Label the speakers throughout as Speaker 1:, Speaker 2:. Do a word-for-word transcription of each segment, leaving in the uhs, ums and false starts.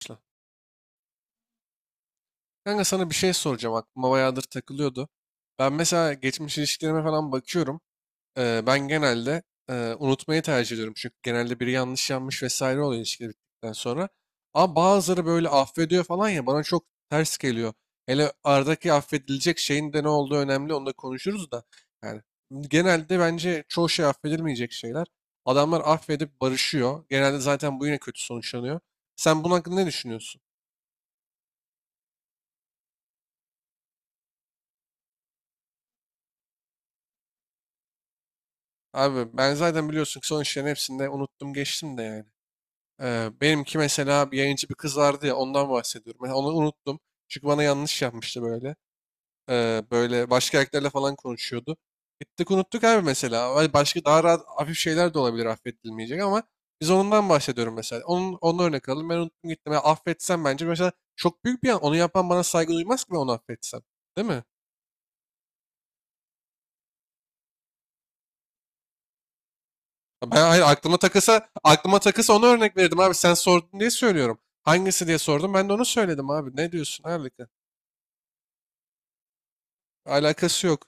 Speaker 1: Başla. Kanka sana bir şey soracağım. Aklıma bayağıdır takılıyordu. Ben mesela geçmiş ilişkilerime falan bakıyorum. Ee, ben genelde e, unutmayı tercih ediyorum. Çünkü genelde biri yanlış yanmış vesaire oluyor ilişkiler bittikten sonra. Ama bazıları böyle affediyor falan ya bana çok ters geliyor. Hele aradaki affedilecek şeyin de ne olduğu önemli. Onu da konuşuruz da. Yani genelde bence çoğu şey affedilmeyecek şeyler. Adamlar affedip barışıyor. Genelde zaten bu yine kötü sonuçlanıyor. Sen bunun hakkında ne düşünüyorsun? Abi ben zaten biliyorsun ki son işlerin hepsinde unuttum geçtim de yani. Ee, benimki mesela bir yayıncı bir kız vardı ya ondan bahsediyorum. Ben onu unuttum. Çünkü bana yanlış yapmıştı böyle. Ee, böyle başka erkeklerle falan konuşuyordu. Gittik unuttuk abi mesela. Vay, başka daha rahat hafif şeyler de olabilir affedilmeyecek ama biz ondan bahsediyorum mesela. Onun, onun örnek alalım. Ben unuttum gittim. Yani affetsem bence mesela çok büyük bir yan. Onu yapan bana saygı duymaz ki ben onu affetsem. Değil mi? Ben, hayır, aklıma takılsa aklıma takılsa onu örnek verirdim abi. Sen sordun diye söylüyorum. Hangisi diye sordum. Ben de onu söyledim abi. Ne diyorsun abi? Alakası yok.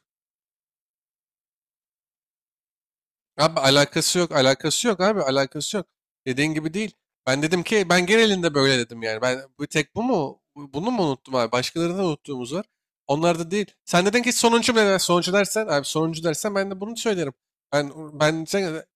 Speaker 1: Abi alakası yok, alakası yok abi, alakası yok. Dediğin gibi değil. Ben dedim ki ben genelinde böyle dedim yani. Ben bu tek bu mu? Bu- Bunu mu unuttum abi? Başkalarını da unuttuğumuz var. Onlar da değil. Sen dedin ki sonuncu mu? Sonuncu dersen abi, sonuncu dersen ben de bunu söylerim. Ben ben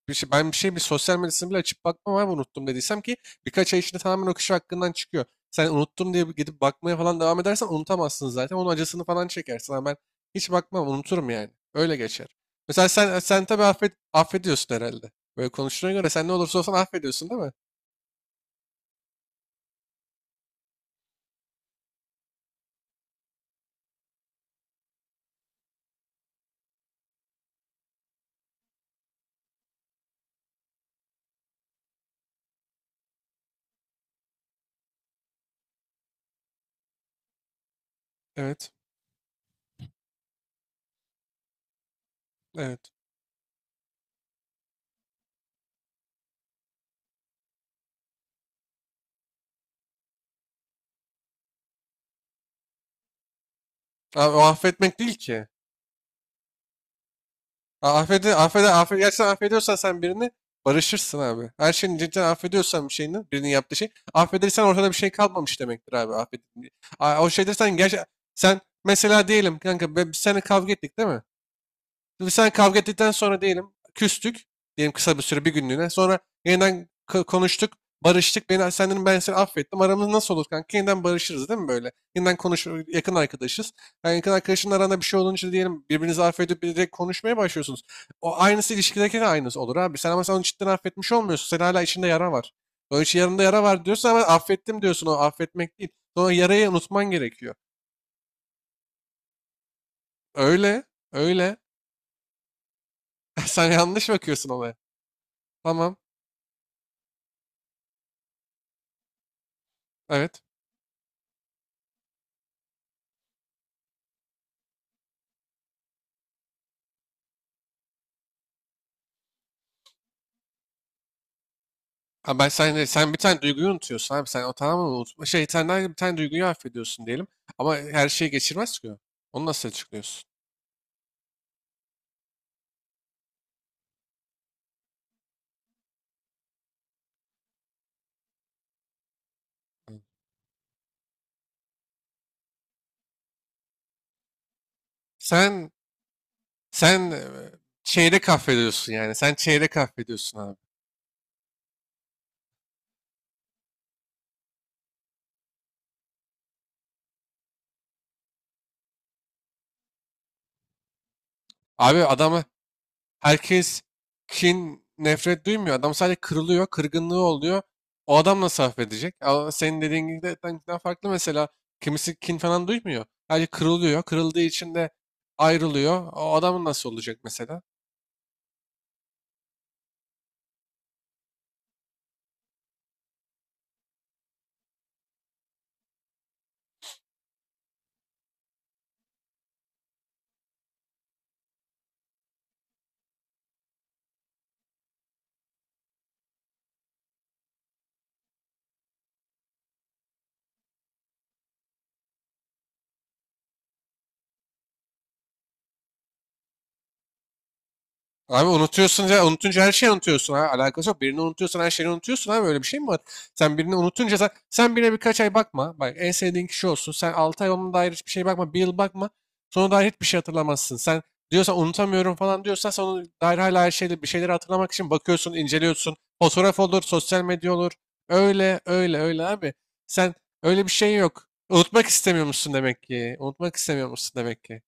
Speaker 1: bir şey ben bir şey bir sosyal medyasını bile açıp bakmam abi, unuttum dediysem ki birkaç ay içinde tamamen o kişi hakkından çıkıyor. Sen unuttum diye gidip bakmaya falan devam edersen unutamazsın zaten. Onun acısını falan çekersin. Ama ben hiç bakmam, unuturum yani. Öyle geçer. Mesela sen sen tabii affet, affediyorsun herhalde. Böyle konuştuğuna göre sen ne olursa olsun affediyorsun değil mi? Evet. Evet. Abi, o affetmek değil ki. A- Affede, affede, affede, gerçekten affediyorsan sen birini barışırsın abi. Her şeyini cidden affediyorsan bir şeyini, birinin yaptığı şey. Affedersen ortada bir şey kalmamış demektir abi. Affet. A- O şey dersen gerçekten, sen mesela diyelim kanka, be- biz seninle kavga ettik değil mi? Şimdi sen kavga ettikten sonra diyelim küstük. Diyelim kısa bir süre, bir günlüğüne. Sonra yeniden konuştuk. Barıştık. Beni, senden ben seni affettim. Aramız nasıl olur kanka? Yeniden barışırız değil mi böyle? Yeniden konuş, yakın arkadaşız. Yani yakın arkadaşın aranda bir şey olunca diyelim birbirinizi affedip direkt konuşmaya başlıyorsunuz. O aynısı, ilişkideki de aynısı olur abi. Sen ama sen onu cidden affetmiş olmuyorsun. Senin hala içinde yara var. Onun için yanında yara var diyorsun ama affettim diyorsun. O affetmek değil. Sonra yarayı unutman gerekiyor. Öyle. Öyle. Sen yanlış bakıyorsun olaya. Tamam. Evet. Abi, ben sen, hani, sen bir tane duyguyu unutuyorsun abi. Sen o tamamen unutma. Şey, sen de bir tane duyguyu affediyorsun diyelim. Ama her şeyi geçirmez ki o. Onu nasıl açıklıyorsun? Hı. Sen sen e, çeyrek affediyorsun yani. Sen çeyrek affediyorsun abi. Abi adamı herkes kin, nefret duymuyor. Adam sadece kırılıyor. Kırgınlığı oluyor. O adam nasıl affedecek? Ama senin dediğin gibi de de farklı mesela. Kimisi kin falan duymuyor. Sadece kırılıyor. Kırıldığı için de ayrılıyor. O adamın nasıl olacak mesela? Abi, unutuyorsun ya, unutunca her şeyi unutuyorsun, ha alakası yok. Birini unutuyorsan her şeyi unutuyorsun abi, öyle bir şey mi var? Sen birini unutunca sen, sen birine birkaç ay bakma. Bak en sevdiğin kişi olsun. Sen altı ay onun dair hiçbir şey bakma. Bir yıl bakma. Sonra dair hiçbir şey hatırlamazsın. Sen diyorsan unutamıyorum falan diyorsan sen onun dair hala her şeyle bir şeyleri hatırlamak için bakıyorsun, inceliyorsun. Fotoğraf olur, sosyal medya olur. Öyle öyle öyle abi. Sen, öyle bir şey yok. Unutmak istemiyor musun demek ki? Unutmak istemiyor musun demek ki?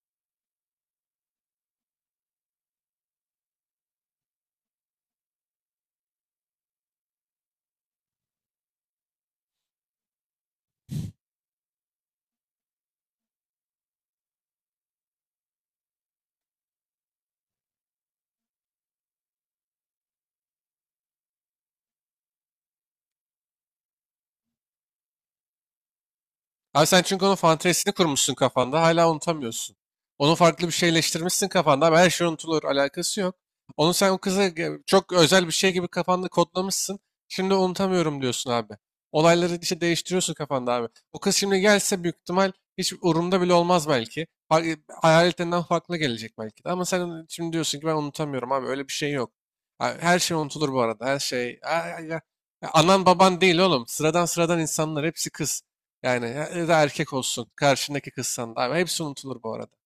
Speaker 1: Abi sen çünkü onun fantezisini kurmuşsun kafanda. Hala unutamıyorsun. Onu farklı bir şeyleştirmişsin kafanda. Abi her şey unutulur. Alakası yok. Onu sen o kıza ge- çok özel bir şey gibi kafanda kodlamışsın. Şimdi unutamıyorum diyorsun abi. Olayları işte değiştiriyorsun kafanda abi. O kız şimdi gelse büyük ihtimal hiç umurumda bile olmaz belki. Ha- Hayaletlerinden farklı gelecek belki de. Ama sen şimdi diyorsun ki ben unutamıyorum abi. Öyle bir şey yok. Ha- Her şey unutulur bu arada. Her şey. Ay, ay, ay. Ya anan baban değil oğlum. Sıradan sıradan insanlar hepsi kız. Yani ya ya da erkek olsun. Karşındaki kızsan da. Abi hepsi unutulur bu arada.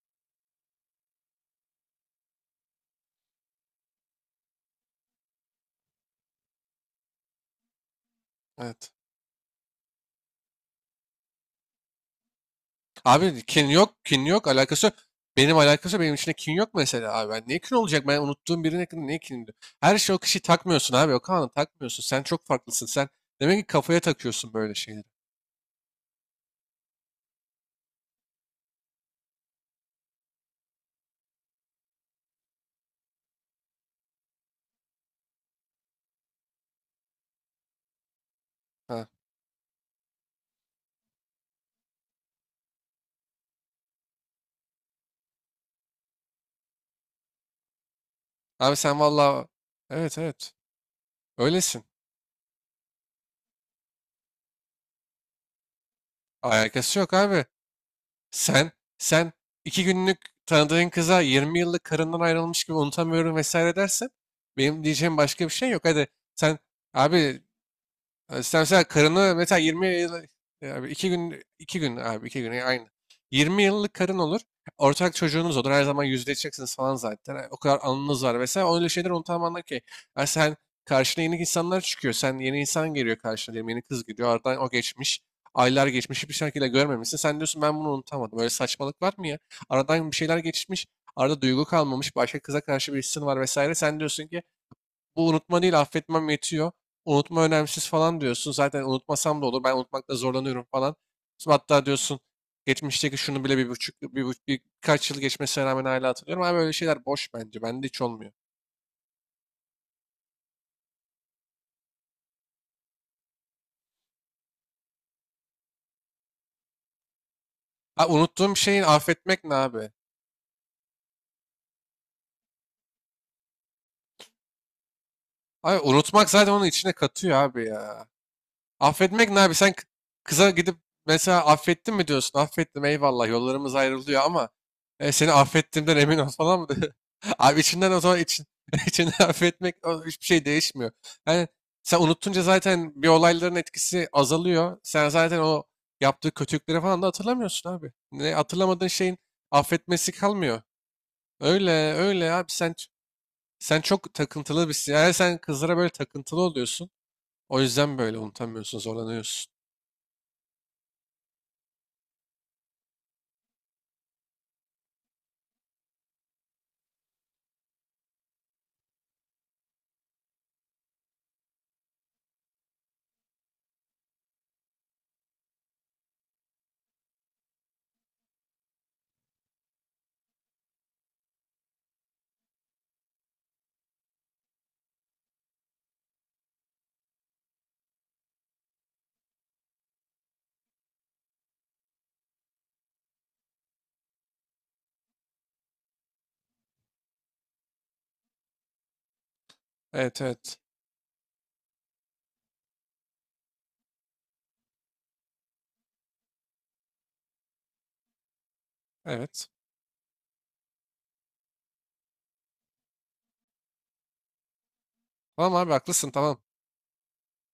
Speaker 1: Evet. Abi kin yok. Kin yok. Alakası yok. Benim alakası yok. Benim içinde kin yok mesela abi. Ben niye kin olacak? Ben unuttuğum birine kin- niye kin diyor? Her şey o kişiyi takmıyorsun abi. O kanı takmıyorsun. Sen çok farklısın. Sen demek ki kafaya takıyorsun böyle şeyleri. Ha. Abi sen vallahi, evet evet, öylesin. Alakası yok abi. Sen sen iki günlük tanıdığın kıza yirmi yıllık karından ayrılmış gibi unutamıyorum vesaire dersen benim diyeceğim başka bir şey yok. Hadi sen abi. Yani sen mesela karını mesela yirmi yıl, yani iki gün, iki gün abi, iki gün yani aynı. yirmi yıllık karın olur. Ortak çocuğunuz olur. Her zaman yüzleşeceksiniz falan zaten. Yani o kadar anınız var vesaire. Öyle şeyler unutamam ki. Yani sen, karşına yeni insanlar çıkıyor. Sen, yeni insan geliyor karşına diyelim. Yeni kız geliyor. Aradan o geçmiş. Aylar geçmiş. Hiçbir şekilde görmemişsin. Sen diyorsun ben bunu unutamadım. Böyle saçmalık var mı ya? Aradan bir şeyler geçmiş. Arada duygu kalmamış. Başka kıza karşı bir hissin var vesaire. Sen diyorsun ki bu unutma değil, affetmem yetiyor. Unutma önemsiz falan diyorsun. Zaten unutmasam da olur. Ben unutmakta zorlanıyorum falan. Sonra hatta diyorsun, geçmişteki şunu bile bir buçuk, bir, buçuk- bir- birkaç yıl geçmesine rağmen hala hatırlıyorum. Abi öyle şeyler boş bence. Bende hiç olmuyor. Ha, unuttuğum şeyi affetmek ne abi? Abi unutmak zaten onun içine katıyor abi ya. Affetmek ne abi? Sen k- kıza gidip mesela affettin mi diyorsun? Affettim, eyvallah, yollarımız ayrılıyor ama e, seni affettiğimden emin ol falan mı? Abi içinden o zaman için, içinden affetmek, o hiçbir şey değişmiyor. Yani sen unuttunca zaten bir olayların etkisi azalıyor. Sen zaten o yaptığı kötülükleri falan da hatırlamıyorsun abi. Ne hatırlamadığın şeyin affetmesi kalmıyor. Öyle öyle abi, sen ç- sen çok takıntılı birsin. Yani sen kızlara böyle takıntılı oluyorsun. O yüzden böyle unutamıyorsun, zorlanıyorsun. Evet evet. Evet. Tamam abi, haklısın, tamam.